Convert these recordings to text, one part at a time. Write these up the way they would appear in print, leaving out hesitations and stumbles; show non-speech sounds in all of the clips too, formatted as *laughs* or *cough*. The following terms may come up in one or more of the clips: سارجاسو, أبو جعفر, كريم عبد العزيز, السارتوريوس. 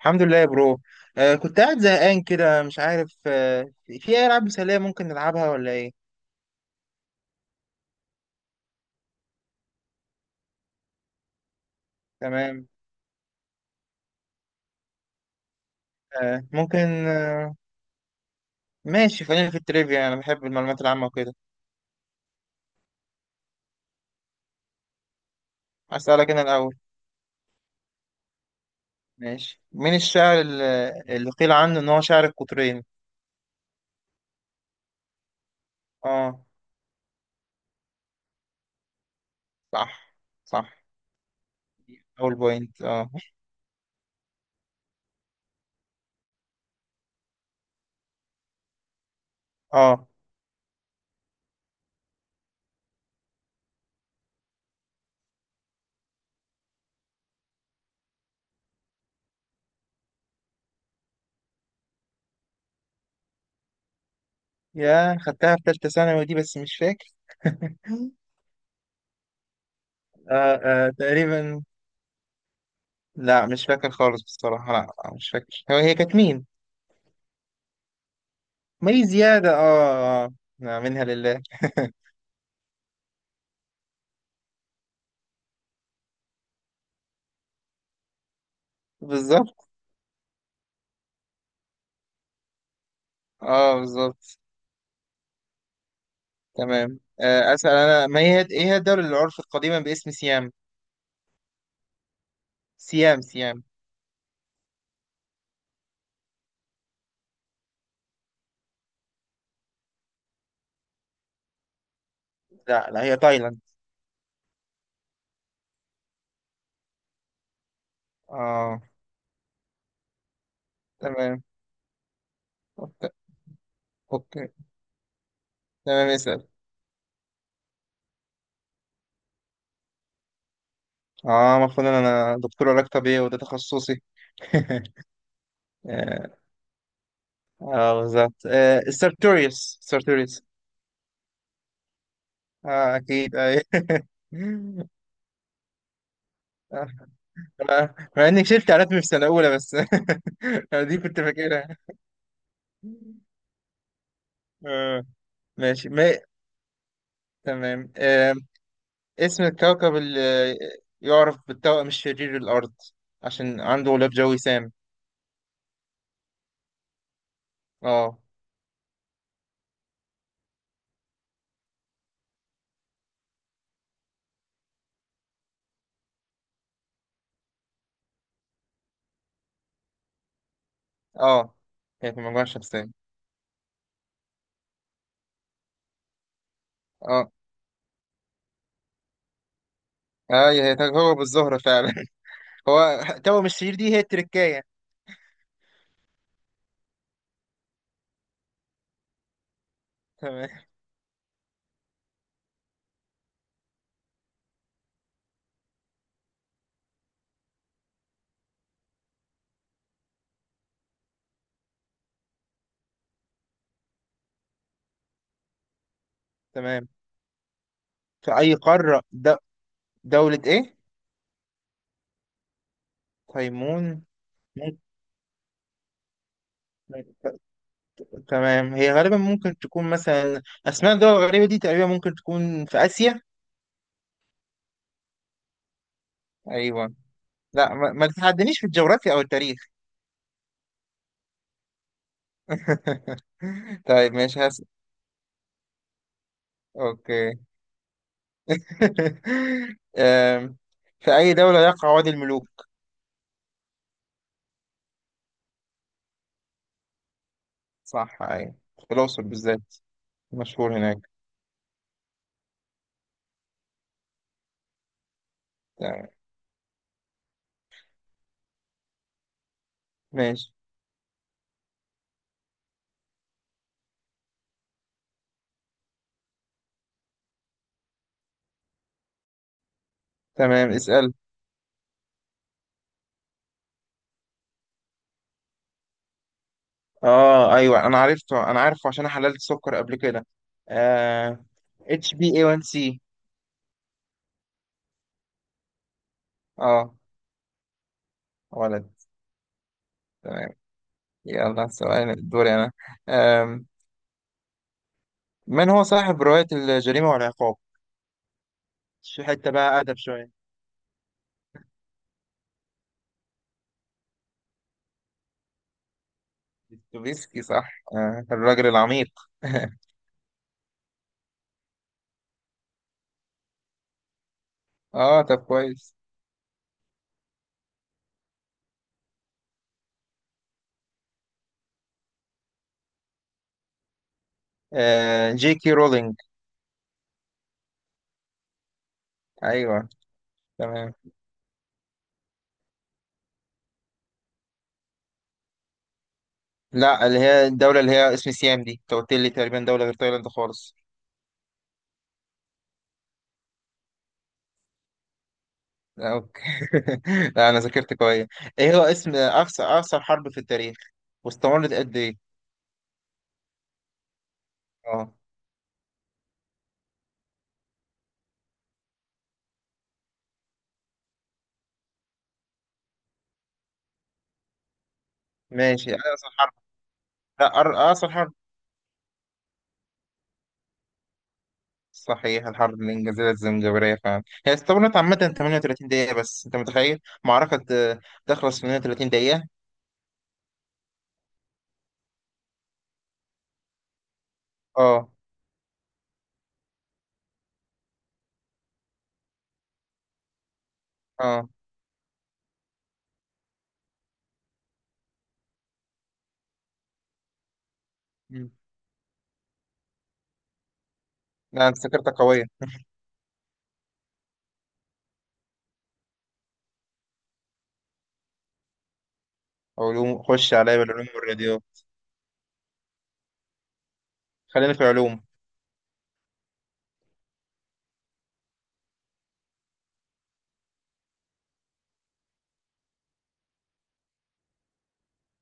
الحمد لله يا برو. كنت قاعد زهقان كده، مش عارف. في اي العاب مسليه ممكن نلعبها ولا ايه؟ تمام. آه، ممكن. آه. ماشي، خلينا في التريفيا، انا بحب المعلومات العامه وكده. اسالك انا الاول. ماشي، مين الشاعر اللي قيل عنه ان هو شاعر القطرين؟ اه. صح، صح. اول بوينت، اه. اه، يا خدتها في ثالثه ثانوي دي بس مش فاكر. *laughs* آه آه، تقريبا. لا مش فاكر خالص بصراحه، لا مش فاكر. هي كانت مين؟ مي زيادة. اه اه آه. نعم، منها لله. *laughs* بالظبط. اه بالظبط. تمام. أسأل أنا. ما هي إيه هي الدولة اللي عرفت قديما باسم سيام؟ سيام، سيام. لا لا، هي تايلاند. اه. تمام. أوكي. أوكي. تمام، اسأل. اه، المفروض إن أنا دكتور علاج طبيعي وده تخصصي. *laughs* اه. بالظبط. آه، السارتوريوس، سارتوريوس. اه، أكيد، أي. *laughs* آه، مع إني شلت على اسمي في سنة أولى بس. *laughs* دي كنت فاكرها. آه. ماشي. ما تمام. اسم الكوكب اللي يعرف بالتوأم الشرير الأرض، عشان عنده غلاف جوي سام. اه. اه، هي في المجموعة الشمسية. اه. اه، هي كوكب الزهرة فعلا. *laughs* هو توأم الشرير دي هي التركاية. تمام. تمام. في أي قارة دولة إيه؟ تيمون. ممكن. تمام، هي غالبا ممكن تكون مثلا أسماء الدول الغريبة دي تقريبا ممكن تكون في آسيا. أيوه. لا، ما تتحدانيش في الجغرافيا أو التاريخ. *laughs* طيب، ماشي، هس. اوكي. *laughs* أم، في اي دولة يقع وادي الملوك؟ صح، اي. في الاقصر بالذات. مشهور هناك. تمام. ماشي. تمام، اسأل. اه، ايوه، انا عرفته، انا عارفه عشان أنا حللت سكر قبل كده. آه. اتش بي اي 1 سي. اه. ولد. تمام. يلا، سؤال دوري انا. آم، من هو صاحب رواية الجريمة والعقاب؟ شو حتة بقى أدب شوية. دوستويفسكي، صح. آه الراجل العميق. *laughs* اه، طب كويس. آه جي كي رولينج. ايوه. تمام. لا، اللي هي الدولة اللي هي اسم سيام دي، انت قلت لي تقريبا دولة غير تايلاند خالص. لا، اوكي. *laughs* لا، انا ذاكرت كويس. ايه هو اسم اقصر حرب في التاريخ، واستمرت قد ايه؟ اه. ماشي، اقصر حرب. لا، اقصر حرب. صحيح، الحرب الانجليزيه الزمجباريه فعلا، هي استمرت عامه 38 دقيقه، بس انت متخيل؟ معركه آه، تخلص في 38 دقيقه. اه اه، مم. لا، انت ذاكرتك قويه. علوم، خش عليا بالعلوم والرياضيات. خلينا في العلوم.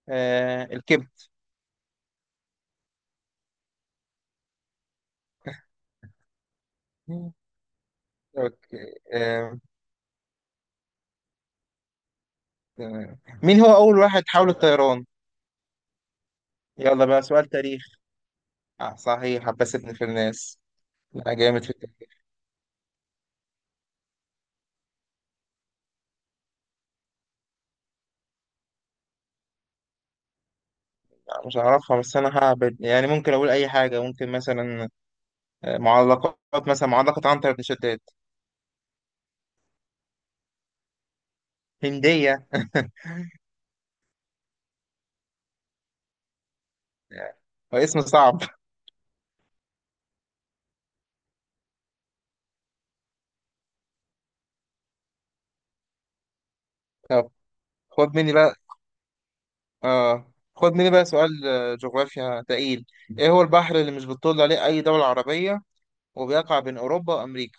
آه الكبد. أوكي. آه. آه. مين هو أول واحد حاول الطيران؟ يلا بقى سؤال تاريخ. آه صحيح، عباس ابن فرناس. لا، جامد في التاريخ. آه، مش هعرفها بس أنا هعبد يعني ممكن أقول أي حاجة ممكن مثلا. آه، معلقات مثلا معلقة عنتر بن شداد. هندية؟ آه، اسم صعب. طب. خد مني بقى. آه، خد مني بقى سؤال جغرافيا تقيل. إيه هو البحر اللي مش بتطل عليه أي دولة عربية، وبيقع بين أوروبا وأمريكا؟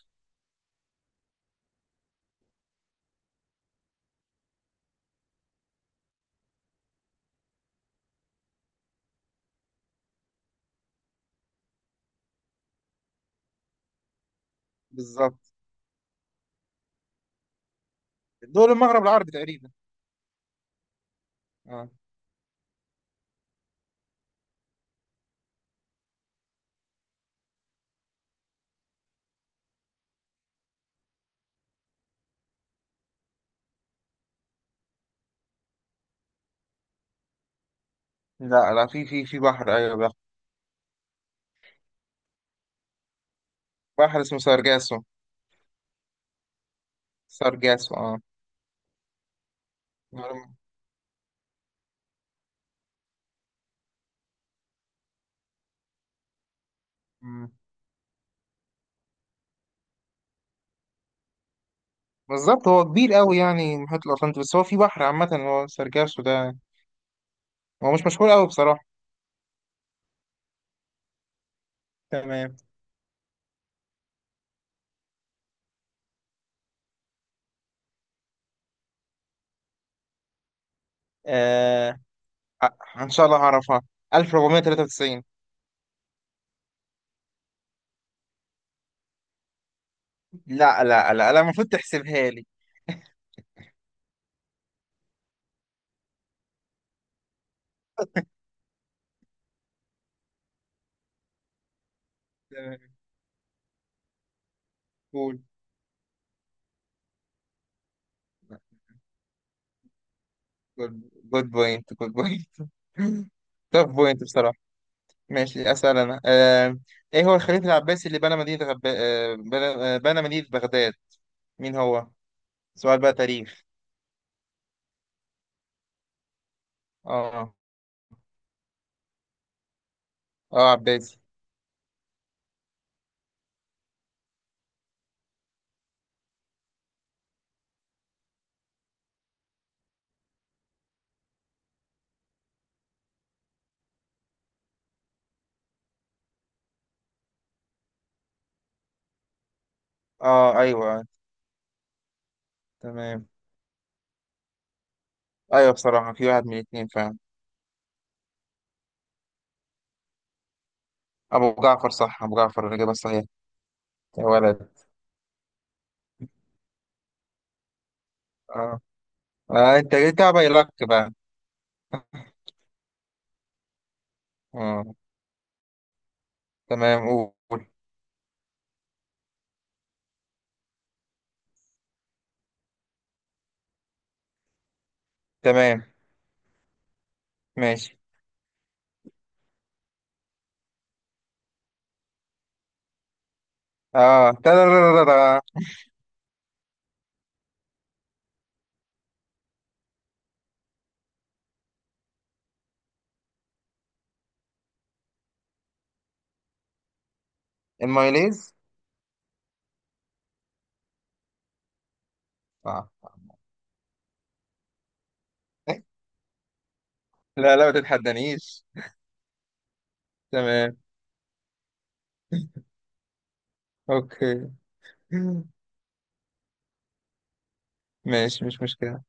بالظبط. دول المغرب العربي تقريبا. اه. لا لا، في بحر، أيوه بحر. بحر اسمه سارجاسو. سارجاسو، اه. مم. بالظبط، هو كبير قوي يعني المحيط الأطلنطي، بس هو في بحر عامة هو سارجاسو ده. هو مش مشهور قوي بصراحة. تمام. آه. آه، إن شاء الله هعرفها. 1493. لا لا لا لا، المفروض تحسبها لي. تمام. قول. جود بوينت، جود بوينت. *laughs* توب بوينت بصراحة. ماشي، أسأل أنا. آه، إيه هو الخليفة العباسي اللي بنى مدينة غب... آه، بنى آه، بنى مدينة بغداد. مين هو؟ سؤال بقى تاريخ. اه. اه عباسي. اه. أيوه. تمام. أيوه بصراحة، في واحد من الاتنين فعلا. أبو جعفر، صح. أبو جعفر الإجابة الصحيحة. يا ولد. اه, آه. أنت جيتها بايلك بقى. اه. تمام. قول. تمام. ماشي. اه، تدررررر. المايليز. صح. *laughs* لا لا، ما تتحدانيش. تمام. اوكي. ماشي، مش مشكلة.